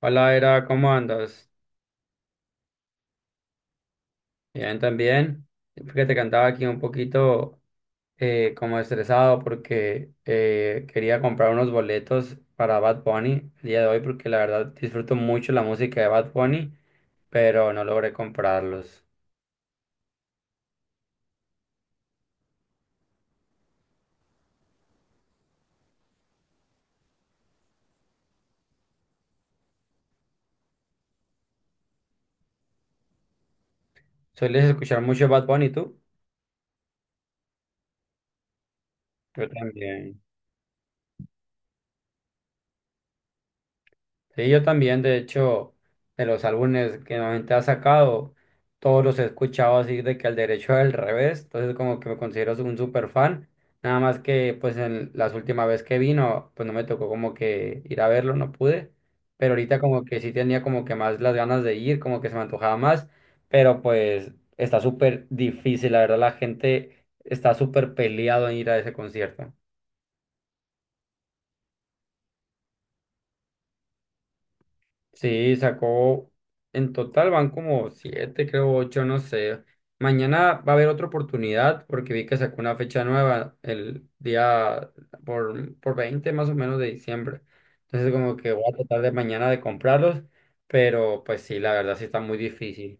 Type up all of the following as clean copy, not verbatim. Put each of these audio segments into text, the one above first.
Hola, Era, ¿cómo andas? Bien, también. Fíjate que andaba aquí un poquito como estresado porque quería comprar unos boletos para Bad Bunny el día de hoy porque la verdad disfruto mucho la música de Bad Bunny, pero no logré comprarlos. ¿Sueles escuchar mucho Bad Bunny tú? Yo también. Sí, yo también, de hecho, de los álbumes que normalmente ha sacado, todos los he escuchado así de que al derecho al revés, entonces como que me considero un super fan, nada más que pues en las últimas veces que vino, pues no me tocó como que ir a verlo, no pude, pero ahorita como que sí tenía como que más las ganas de ir, como que se me antojaba más, pero pues está súper difícil, la verdad la gente está súper peleado en ir a ese concierto. Sí, sacó, en total van como siete, creo ocho, no sé. Mañana va a haber otra oportunidad porque vi que sacó una fecha nueva el día por 20 más o menos de diciembre. Entonces como que voy a tratar de mañana de comprarlos, pero pues sí, la verdad sí está muy difícil.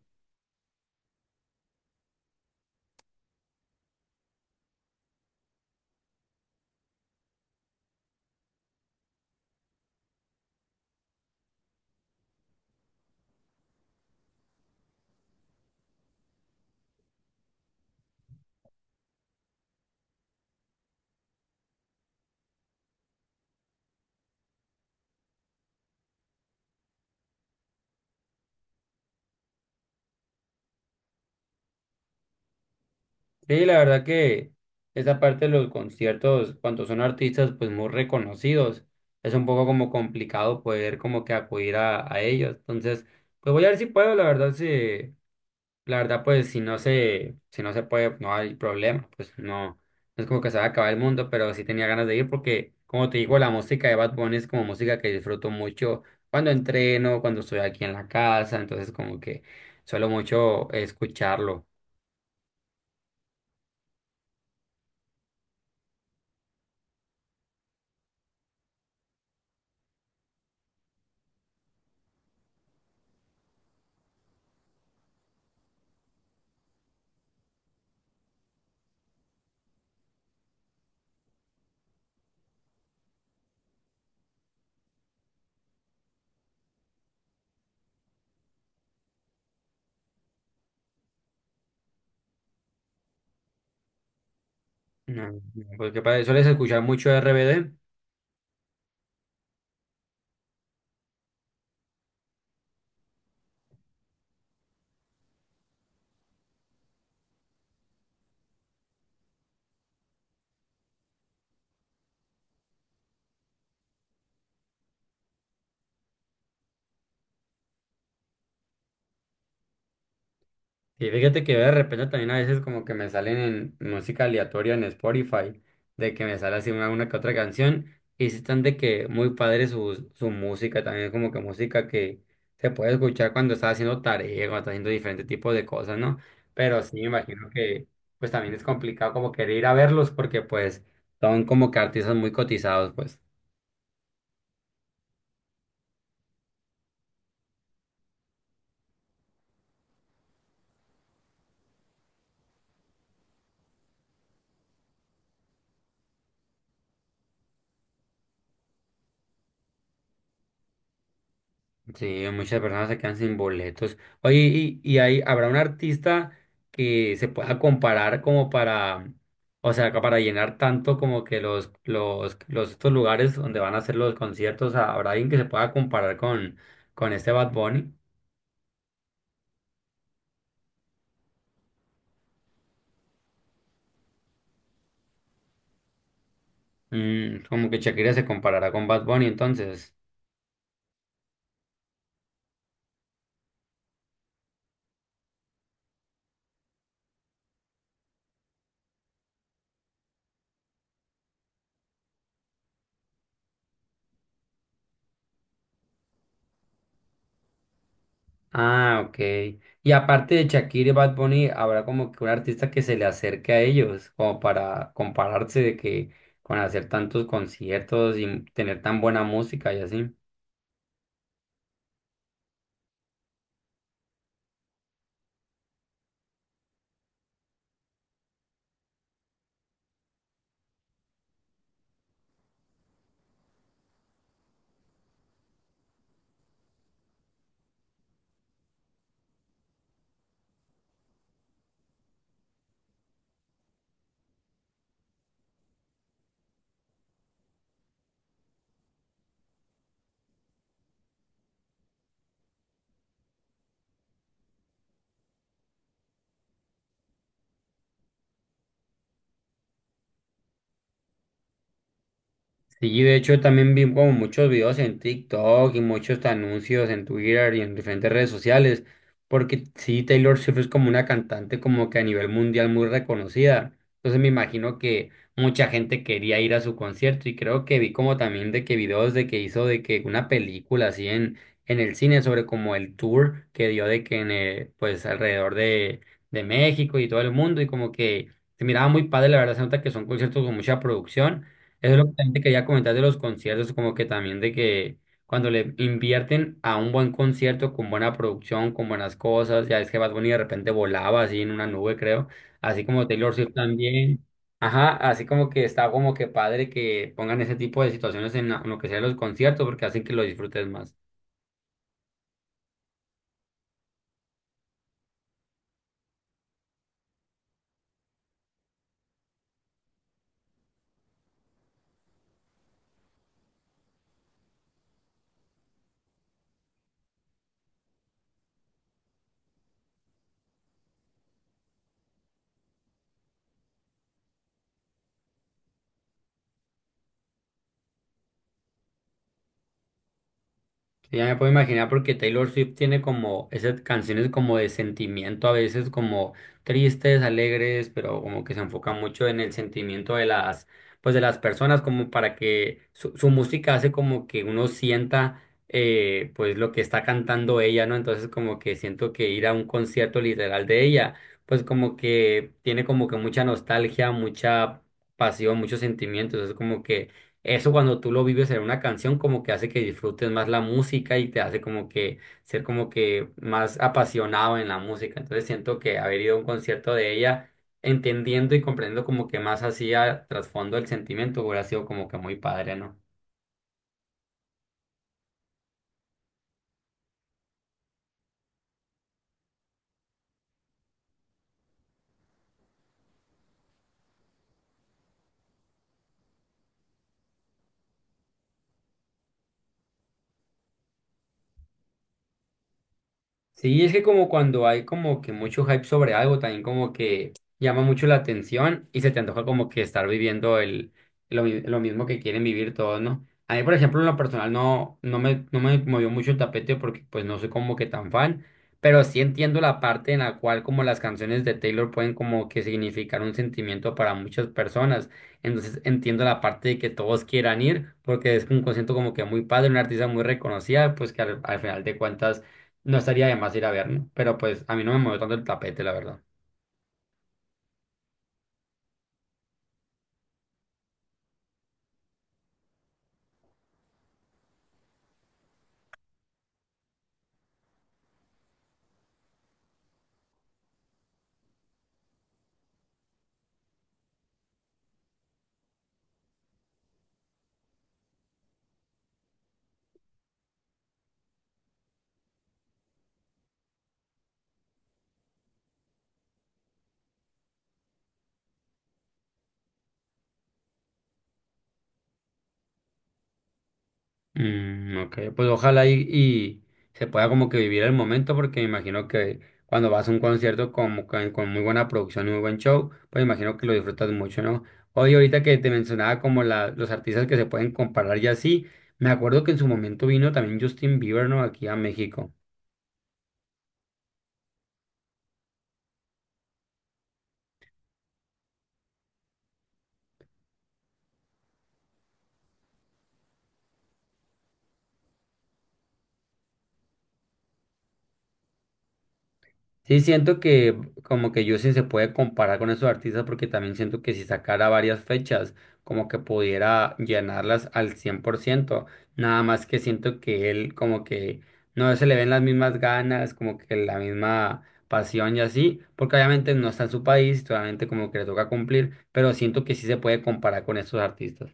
Sí, la verdad que esa parte de los conciertos, cuando son artistas pues muy reconocidos, es un poco como complicado poder como que acudir a ellos. Entonces, pues voy a ver si puedo, la verdad sí. La verdad, pues si no se, si no se puede, no hay problema, pues no, no es como que se va a acabar el mundo, pero sí tenía ganas de ir porque, como te digo, la música de Bad Bunny es como música que disfruto mucho cuando entreno, cuando estoy aquí en la casa, entonces como que suelo mucho escucharlo. No, no, porque sueles escuchar mucho RBD. Y fíjate que de repente también a veces como que me salen en música aleatoria en Spotify, de que me sale así una que otra canción, y sí están de que muy padre su música, también como que música que se puede escuchar cuando estás haciendo tarea, cuando estás haciendo diferentes tipos de cosas, ¿no? Pero sí me imagino que pues también es complicado como querer ir a verlos porque pues son como que artistas muy cotizados, pues. Sí, muchas personas se quedan sin boletos. Oye, ¿ habrá un artista que se pueda comparar como para, o sea, para llenar tanto como que los estos lugares donde van a hacer los conciertos, o ¿habrá alguien que se pueda comparar con este Bad Bunny? Mm, como que Shakira se comparará con Bad Bunny, entonces. Ah, ok. Y aparte de Shakira y Bad Bunny, habrá como que un artista que se le acerque a ellos, como para compararse de que con hacer tantos conciertos y tener tan buena música y así. Sí, de hecho también vi como muchos videos en TikTok y muchos anuncios en Twitter y en diferentes redes sociales, porque sí, Taylor Swift es como una cantante como que a nivel mundial muy reconocida. Entonces me imagino que mucha gente quería ir a su concierto y creo que vi como también de que videos de que hizo de que una película así en el cine sobre como el tour que dio de que en pues alrededor de México y todo el mundo y como que se miraba muy padre, la verdad se nota que son conciertos con mucha producción. Eso es lo que también te quería comentar de los conciertos, como que también de que cuando le invierten a un buen concierto con buena producción, con buenas cosas, ya es que Bad Bunny de repente volaba así en una nube, creo, así como Taylor Swift también. Ajá, así como que está como que padre que pongan ese tipo de situaciones en en lo que sea los conciertos porque hacen que lo disfrutes más. Ya me puedo imaginar porque Taylor Swift tiene como esas canciones como de sentimiento, a veces como tristes, alegres, pero como que se enfoca mucho en el sentimiento de las, pues de las personas, como para que su música hace como que uno sienta pues lo que está cantando ella, ¿no? Entonces como que siento que ir a un concierto literal de ella, pues como que tiene como que mucha nostalgia, mucha pasión, muchos sentimientos, es como que eso cuando tú lo vives en una canción como que hace que disfrutes más la música y te hace como que ser como que más apasionado en la música. Entonces siento que haber ido a un concierto de ella entendiendo y comprendiendo como que más hacía trasfondo el sentimiento hubiera sido como que muy padre, ¿no? Sí, es que como cuando hay como que mucho hype sobre algo, también como que llama mucho la atención y se te antoja como que estar viviendo lo mismo que quieren vivir todos, ¿no? A mí, por ejemplo, en lo personal no, no me movió mucho el tapete porque pues no soy como que tan fan, pero sí entiendo la parte en la cual como las canciones de Taylor pueden como que significar un sentimiento para muchas personas. Entonces entiendo la parte de que todos quieran ir porque es un concierto como que muy padre, una artista muy reconocida, pues que al final de cuentas no estaría de más ir a ver, ¿no? Pero pues a mí no me movió tanto el tapete, la verdad. Mm, ok, pues ojalá y se pueda como que vivir el momento, porque me imagino que cuando vas a un concierto como con muy buena producción y muy buen show, pues me imagino que lo disfrutas mucho, ¿no? Oye, ahorita que te mencionaba como los artistas que se pueden comparar y así, me acuerdo que en su momento vino también Justin Bieber, ¿no? Aquí a México. Sí, siento que como que Justin se puede comparar con esos artistas porque también siento que si sacara varias fechas, como que pudiera llenarlas al 100% nada más que siento que él como que no se le ven las mismas ganas, como que la misma pasión y así, porque obviamente no está en su país, solamente como que le toca cumplir, pero siento que sí se puede comparar con esos artistas.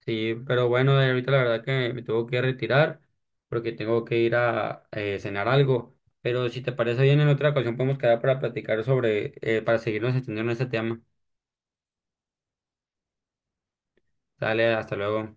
Sí, pero bueno, ahorita la verdad que me tengo que retirar porque tengo que ir a cenar algo. Pero si te parece bien, en otra ocasión podemos quedar para platicar sobre, para seguirnos extendiendo en este tema. Dale, hasta luego.